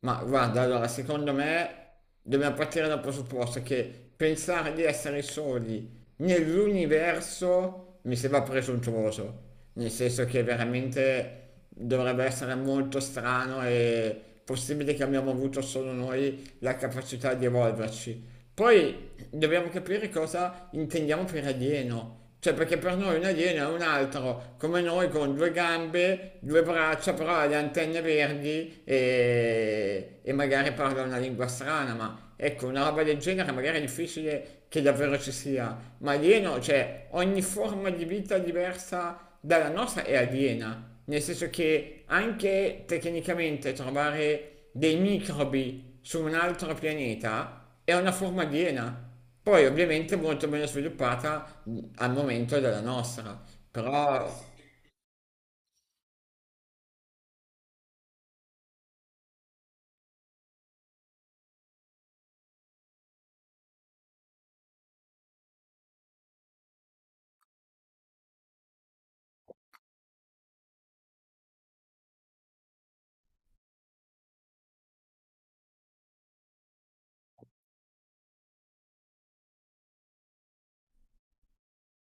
Ma guarda, allora, secondo me dobbiamo partire dal presupposto che pensare di essere soli nell'universo mi sembra presuntuoso, nel senso che veramente dovrebbe essere molto strano e possibile che abbiamo avuto solo noi la capacità di evolverci. Poi dobbiamo capire cosa intendiamo per alieno. Cioè, perché per noi un alieno è un altro, come noi con due gambe, due braccia, però ha le antenne verdi e magari parla una lingua strana, ma ecco, una roba del genere magari è difficile che davvero ci sia. Ma alieno, cioè, ogni forma di vita diversa dalla nostra è aliena, nel senso che anche tecnicamente trovare dei microbi su un altro pianeta è una forma aliena, poi ovviamente molto meno sviluppata al momento della nostra, però.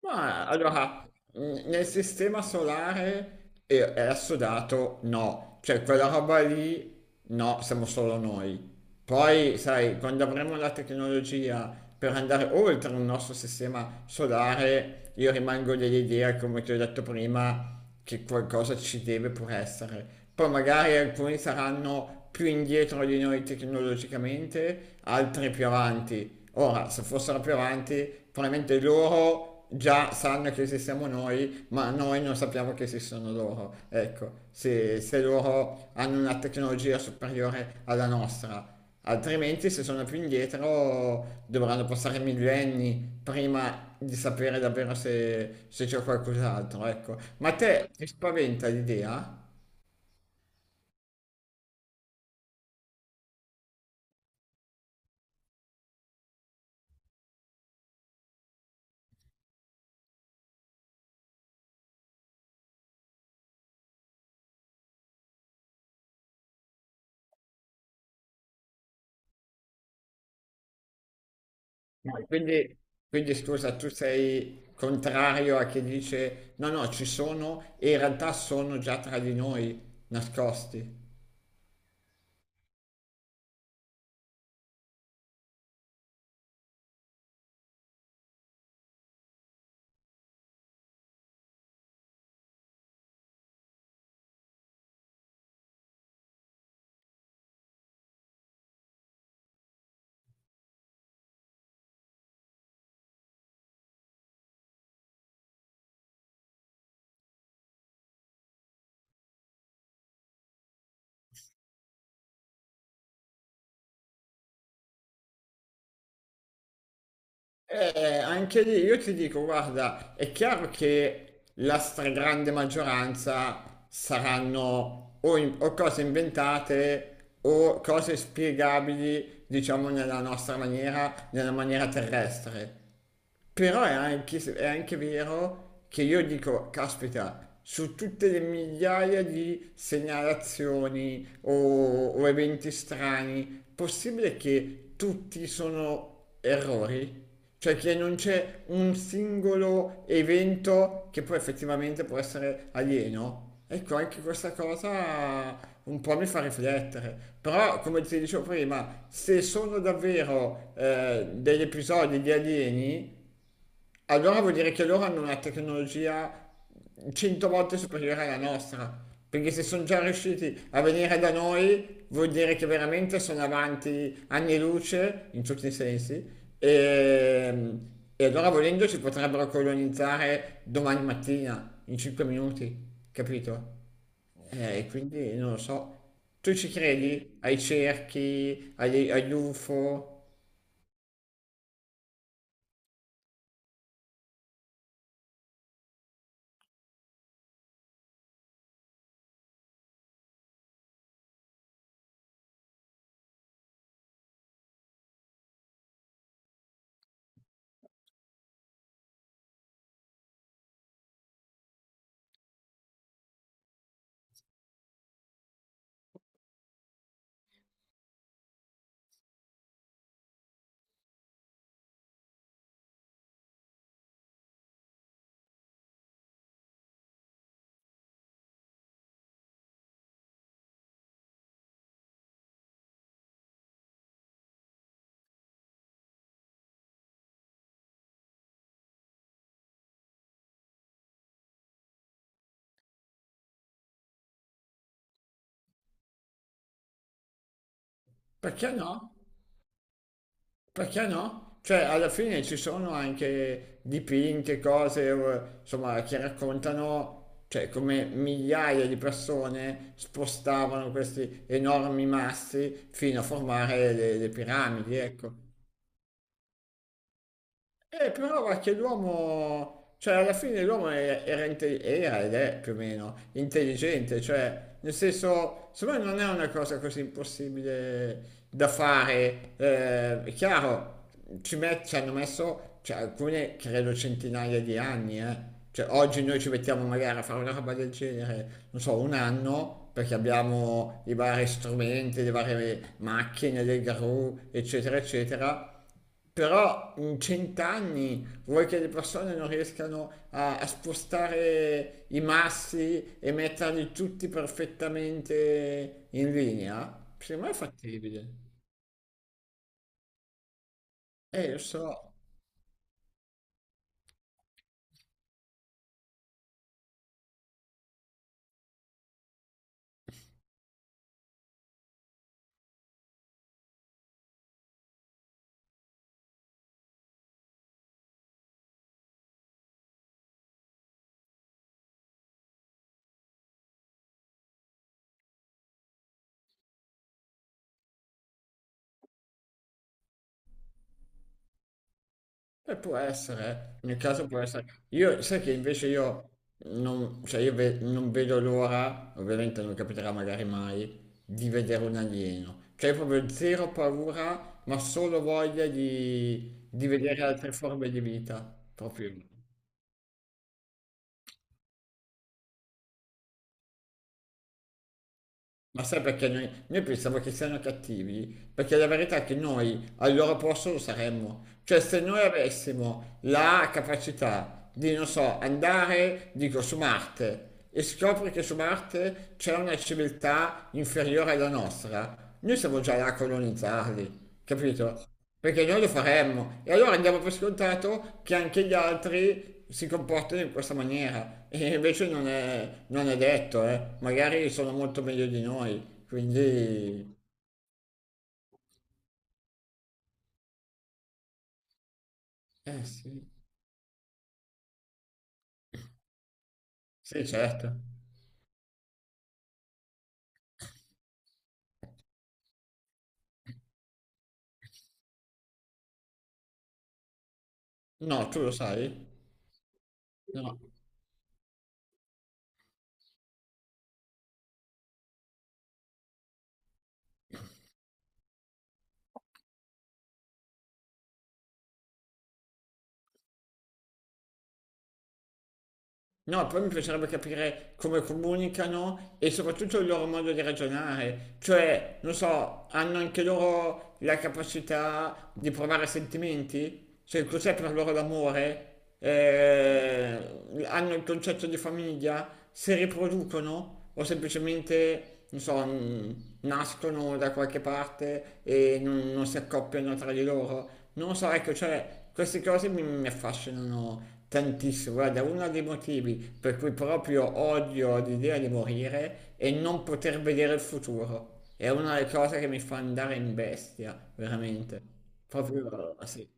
Ma allora, nel sistema solare è assodato, no, cioè quella roba lì no, siamo solo noi. Poi, sai, quando avremo la tecnologia per andare oltre il nostro sistema solare, io rimango dell'idea, come ti ho detto prima, che qualcosa ci deve pur essere. Poi magari alcuni saranno più indietro di noi tecnologicamente, altri più avanti. Ora, se fossero più avanti, probabilmente loro già sanno che esistiamo noi, ma noi non sappiamo che esistono loro. Ecco, se loro hanno una tecnologia superiore alla nostra. Altrimenti, se sono più indietro, dovranno passare millenni prima di sapere davvero se c'è qualcos'altro, ecco. Ma te ti spaventa l'idea? Ma quindi scusa, tu sei contrario a chi dice no, no, ci sono e in realtà sono già tra di noi nascosti. Anche lì io ti dico, guarda, è chiaro che la stragrande maggioranza saranno o, o cose inventate o cose spiegabili, diciamo, nella nostra maniera, nella maniera terrestre. Però è anche vero che io dico, caspita, su tutte le migliaia di segnalazioni o eventi strani, possibile che tutti sono errori? Cioè che non c'è un singolo evento che poi effettivamente può essere alieno? Ecco, anche questa cosa un po' mi fa riflettere. Però, come ti dicevo prima, se sono davvero degli episodi di alieni, allora vuol dire che loro hanno una tecnologia 100 volte superiore alla nostra, perché se sono già riusciti a venire da noi vuol dire che veramente sono avanti anni luce in tutti i sensi e, e allora volendo ci potrebbero colonizzare domani mattina in 5 minuti, capito? E quindi non lo so. Tu ci credi ai cerchi, agli UFO? Perché no? Perché no? Cioè, alla fine ci sono anche dipinti, cose, insomma, che raccontano, cioè, come migliaia di persone spostavano questi enormi massi fino a formare le piramidi, ecco. Però perché l'uomo, cioè alla fine l'uomo era ed è più o meno intelligente, cioè nel senso, secondo me non è una cosa così impossibile da fare. È chiaro, ci hanno messo, cioè, alcune credo centinaia di anni, eh. Cioè oggi noi ci mettiamo magari a fare una roba del genere, non so, un anno, perché abbiamo i vari strumenti, le varie macchine, le gru, eccetera, eccetera. Però in 100 anni vuoi che le persone non riescano a spostare i massi e metterli tutti perfettamente in linea? Secondo me è fattibile. Lo so. Può essere, nel caso può essere. Io, sai che invece io non, cioè non vedo l'ora, ovviamente non capiterà magari mai, di vedere un alieno. Cioè io proprio zero paura, ma solo voglia di vedere altre forme di vita. Proprio. Ma sai perché noi pensiamo che siano cattivi? Perché la verità è che noi al loro posto lo saremmo. Cioè, se noi avessimo la capacità di, non so, andare, dico, su Marte e scopri che su Marte c'è una civiltà inferiore alla nostra, noi siamo già là a colonizzarli, capito? Perché noi lo faremmo e allora andiamo per scontato che anche gli altri si comportano in questa maniera e invece non è detto, eh. Magari sono molto meglio di noi, quindi... Eh sì, sì certo. No, tu lo sai? No. No, poi mi piacerebbe capire come comunicano e soprattutto il loro modo di ragionare. Cioè, non so, hanno anche loro la capacità di provare sentimenti? Cioè, cos'è per loro l'amore? Eh, hanno il concetto di famiglia? Si riproducono? O semplicemente che, non so, nascono da qualche parte e non si accoppiano tra di loro. Non lo so, ecco, cioè, queste cose mi affascinano tantissimo. Guarda, uno dei motivi per cui proprio odio l'idea di morire è non poter vedere il futuro. È una delle cose che mi fa andare in bestia, veramente. Proprio, sì.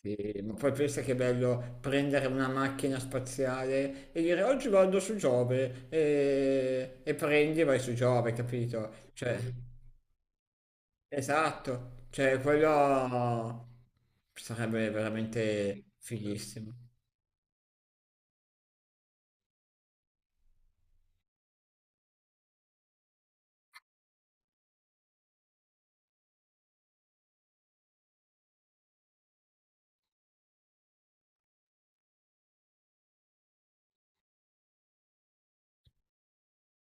Sì, ma poi pensa che è bello prendere una macchina spaziale e dire oggi vado su Giove e prendi e vai su Giove, capito? Cioè, esatto, cioè quello sarebbe veramente fighissimo.